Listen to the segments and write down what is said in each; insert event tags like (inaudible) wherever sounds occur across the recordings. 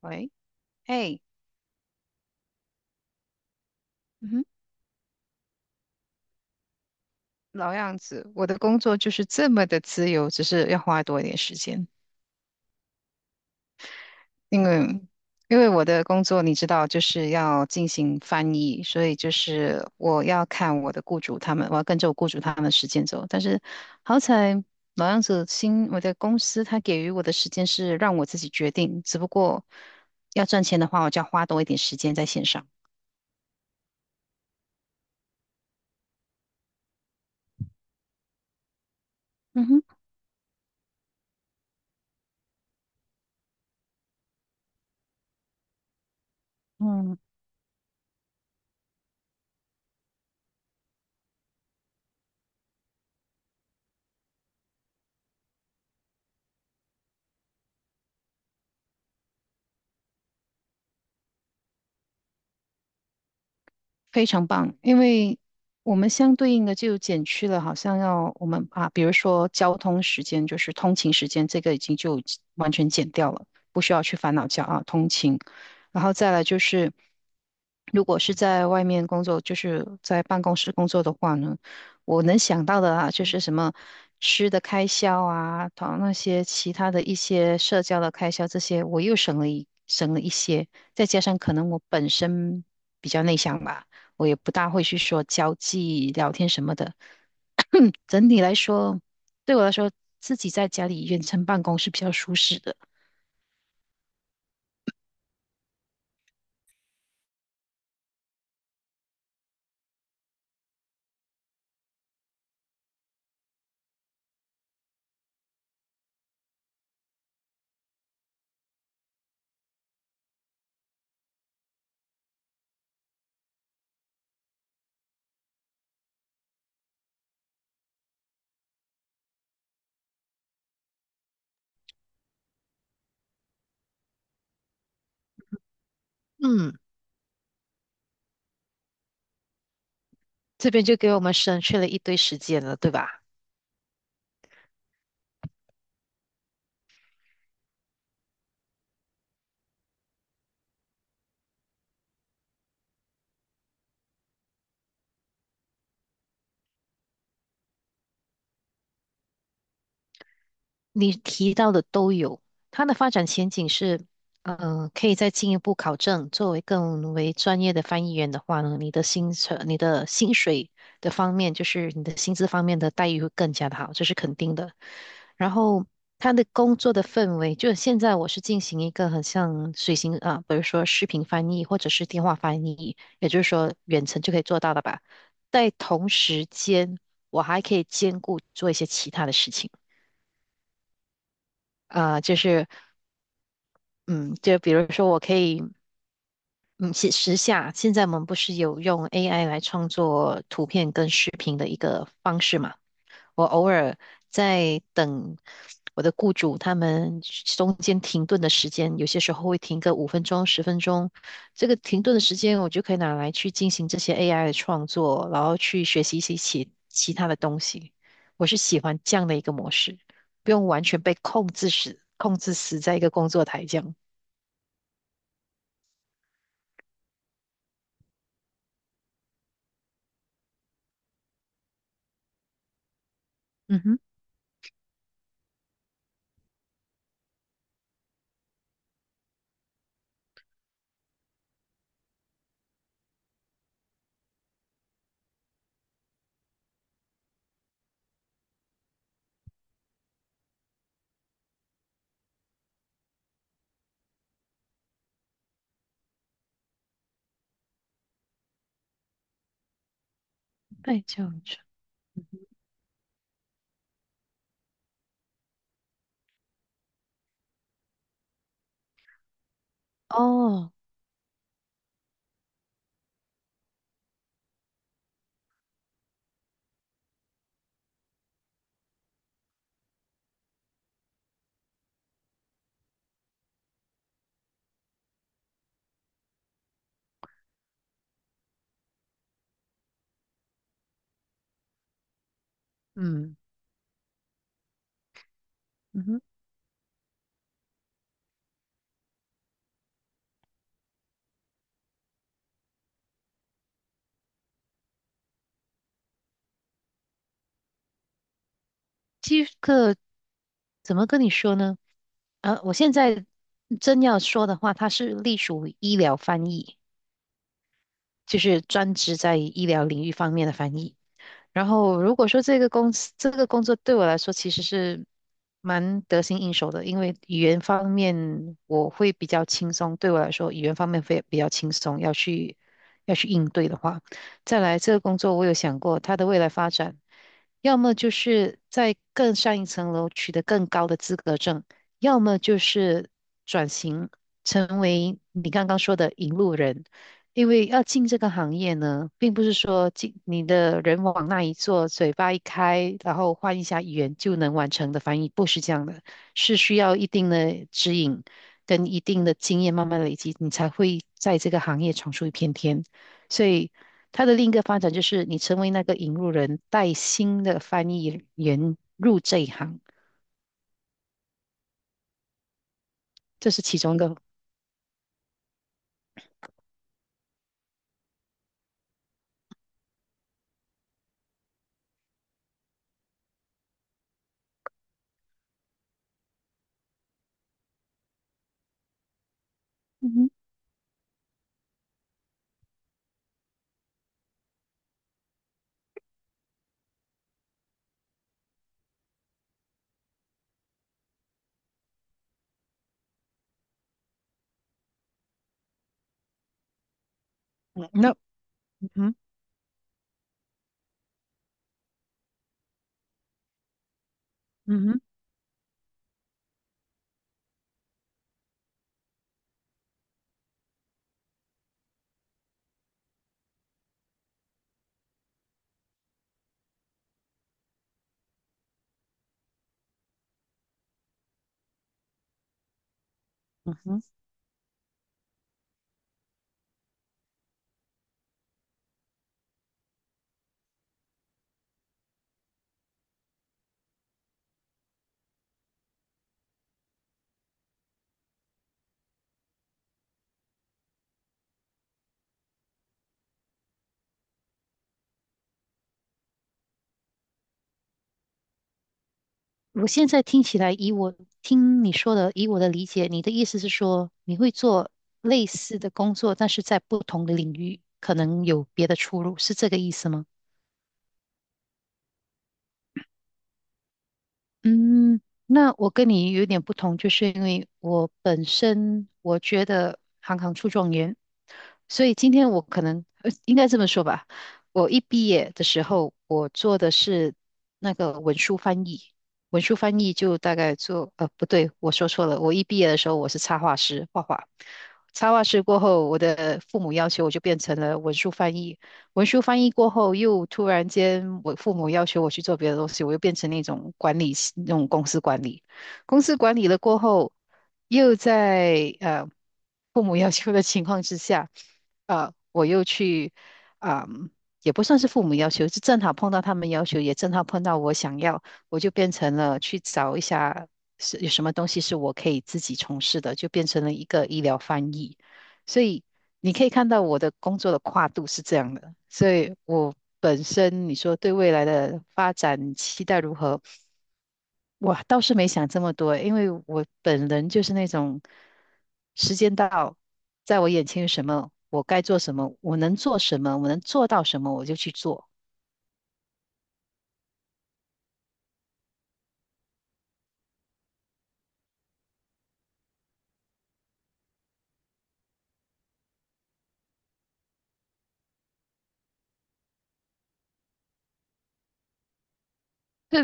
喂。哎。嗯哼。老样子，我的工作就是这么的自由，只是要花多一点时间，因为因为我的工作你知道，就是要进行翻译，所以就是我要看我的雇主他们，我要跟着我雇主他们的时间走。但是好彩老样子新我的公司他给予我的时间是让我自己决定，只不过要赚钱的话，我就要花多一点时间在线上。嗯哼。嗯。非常棒，因为我们相对应的就减去了，好像要我们啊，比如说交通时间，就是通勤时间，这个已经就完全减掉了，不需要去烦恼交啊通勤。然后再来就是，如果是在外面工作，就是在办公室工作的话呢，我能想到的啊，就是什么吃的开销啊，同那些其他的一些社交的开销，这些我又省了一些，再加上可能我本身比较内向吧。我也不大会去说交际聊天什么的。(clears throat) 整体来说，对我来说，自己在家里远程办公是比较舒适的。嗯，这边就给我们省去了一堆时间了，对吧？你提到的都有，它的发展前景是，可以再进一步考证。作为更为专业的翻译员的话呢，你的薪酬、你的薪水的方面，就是你的薪资方面的待遇会更加的好，这是肯定的。然后，他的工作的氛围，就是现在我是进行一个很像随行啊，比如说视频翻译或者是电话翻译，也就是说远程就可以做到的吧。在同时间，我还可以兼顾做一些其他的事情。呃，就是，嗯，就比如说，我可以，嗯，写时下，现在我们不是有用 AI 来创作图片跟视频的一个方式嘛？我偶尔在等我的雇主他们中间停顿的时间，有些时候会停个5分钟、10分钟。这个停顿的时间，我就可以拿来去进行这些 AI 的创作，然后去学习一些其他的东西。我是喜欢这样的一个模式，不用完全被控制死在一个工作台这样。嗯哼，被这样子。哦，嗯嗯哼，这个怎么跟你说呢？啊，我现在真要说的话，它是隶属于医疗翻译，就是专职在医疗领域方面的翻译。然后如果说这个公司这个工作对我来说其实是蛮得心应手的，因为语言方面我会比较轻松，对我来说语言方面会比较轻松，要去应对的话，再来这个工作我有想过它的未来发展，要么就是在更上一层楼取得更高的资格证，要么就是转型成为你刚刚说的引路人。因为要进这个行业呢，并不是说进你的人往那一坐，嘴巴一开，然后换一下语言就能完成的翻译，不是这样的，是需要一定的指引跟一定的经验慢慢累积，你才会在这个行业闯出一片天。所以，它的另一个发展就是你成为那个引路人，带新的翻译员入这一行，这是其中一个。嗯哼。嗯那。嗯哼。嗯哼。嗯哼。我现在听起来，以我听你说的，以我的理解，你的意思是说，你会做类似的工作，但是在不同的领域，可能有别的出路，是这个意思吗？嗯，那我跟你有点不同，就是因为我本身我觉得行行出状元，所以今天我可能应该这么说吧，我一毕业的时候，我做的是那个文书翻译，文书翻译就大概做不对，我说错了，我一毕业的时候我是插画师，画画，插画师过后，我的父母要求我就变成了文书翻译。文书翻译过后，又突然间我父母要求我去做别的东西，我又变成那种管理系那种公司管理，公司管理了过后，又在父母要求的情况之下，我又去，嗯、也不算是父母要求，是正好碰到他们要求，也正好碰到我想要，我就变成了去找一下是有什么东西是我可以自己从事的，就变成了一个医疗翻译，所以。你可以看到我的工作的跨度是这样的，所以我本身你说对未来的发展期待如何，我倒是没想这么多，因为我本人就是那种时间到，在我眼前有什么，我该做什么，我能做什么，我能做到什么，我就去做。就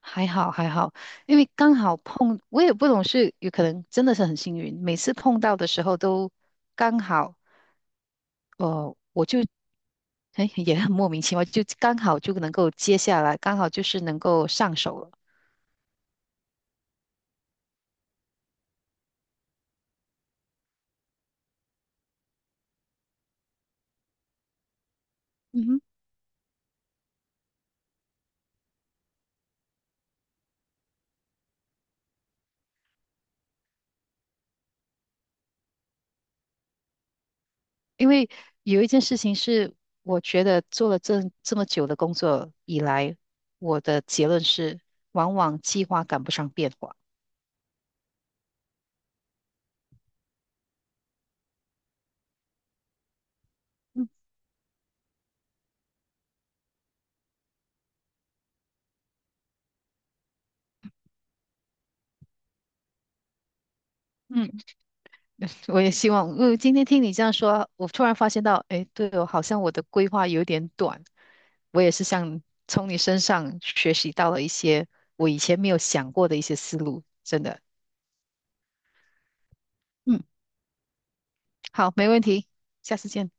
还好还好，因为刚好碰，我也不懂是有可能真的是很幸运，每次碰到的时候都刚好。呃，我就哎也很莫名其妙，就刚好就能够接下来，刚好就是能够上手了。嗯哼，因为有一件事情是，我觉得做了这么久的工作以来，我的结论是，往往计划赶不上变化。嗯 (laughs) 嗯我也希望，今天听你这样说，我突然发现到，哎，对哦，好像我的规划有点短。我也是像从你身上学习到了一些我以前没有想过的一些思路，真的。嗯。好，没问题，下次见。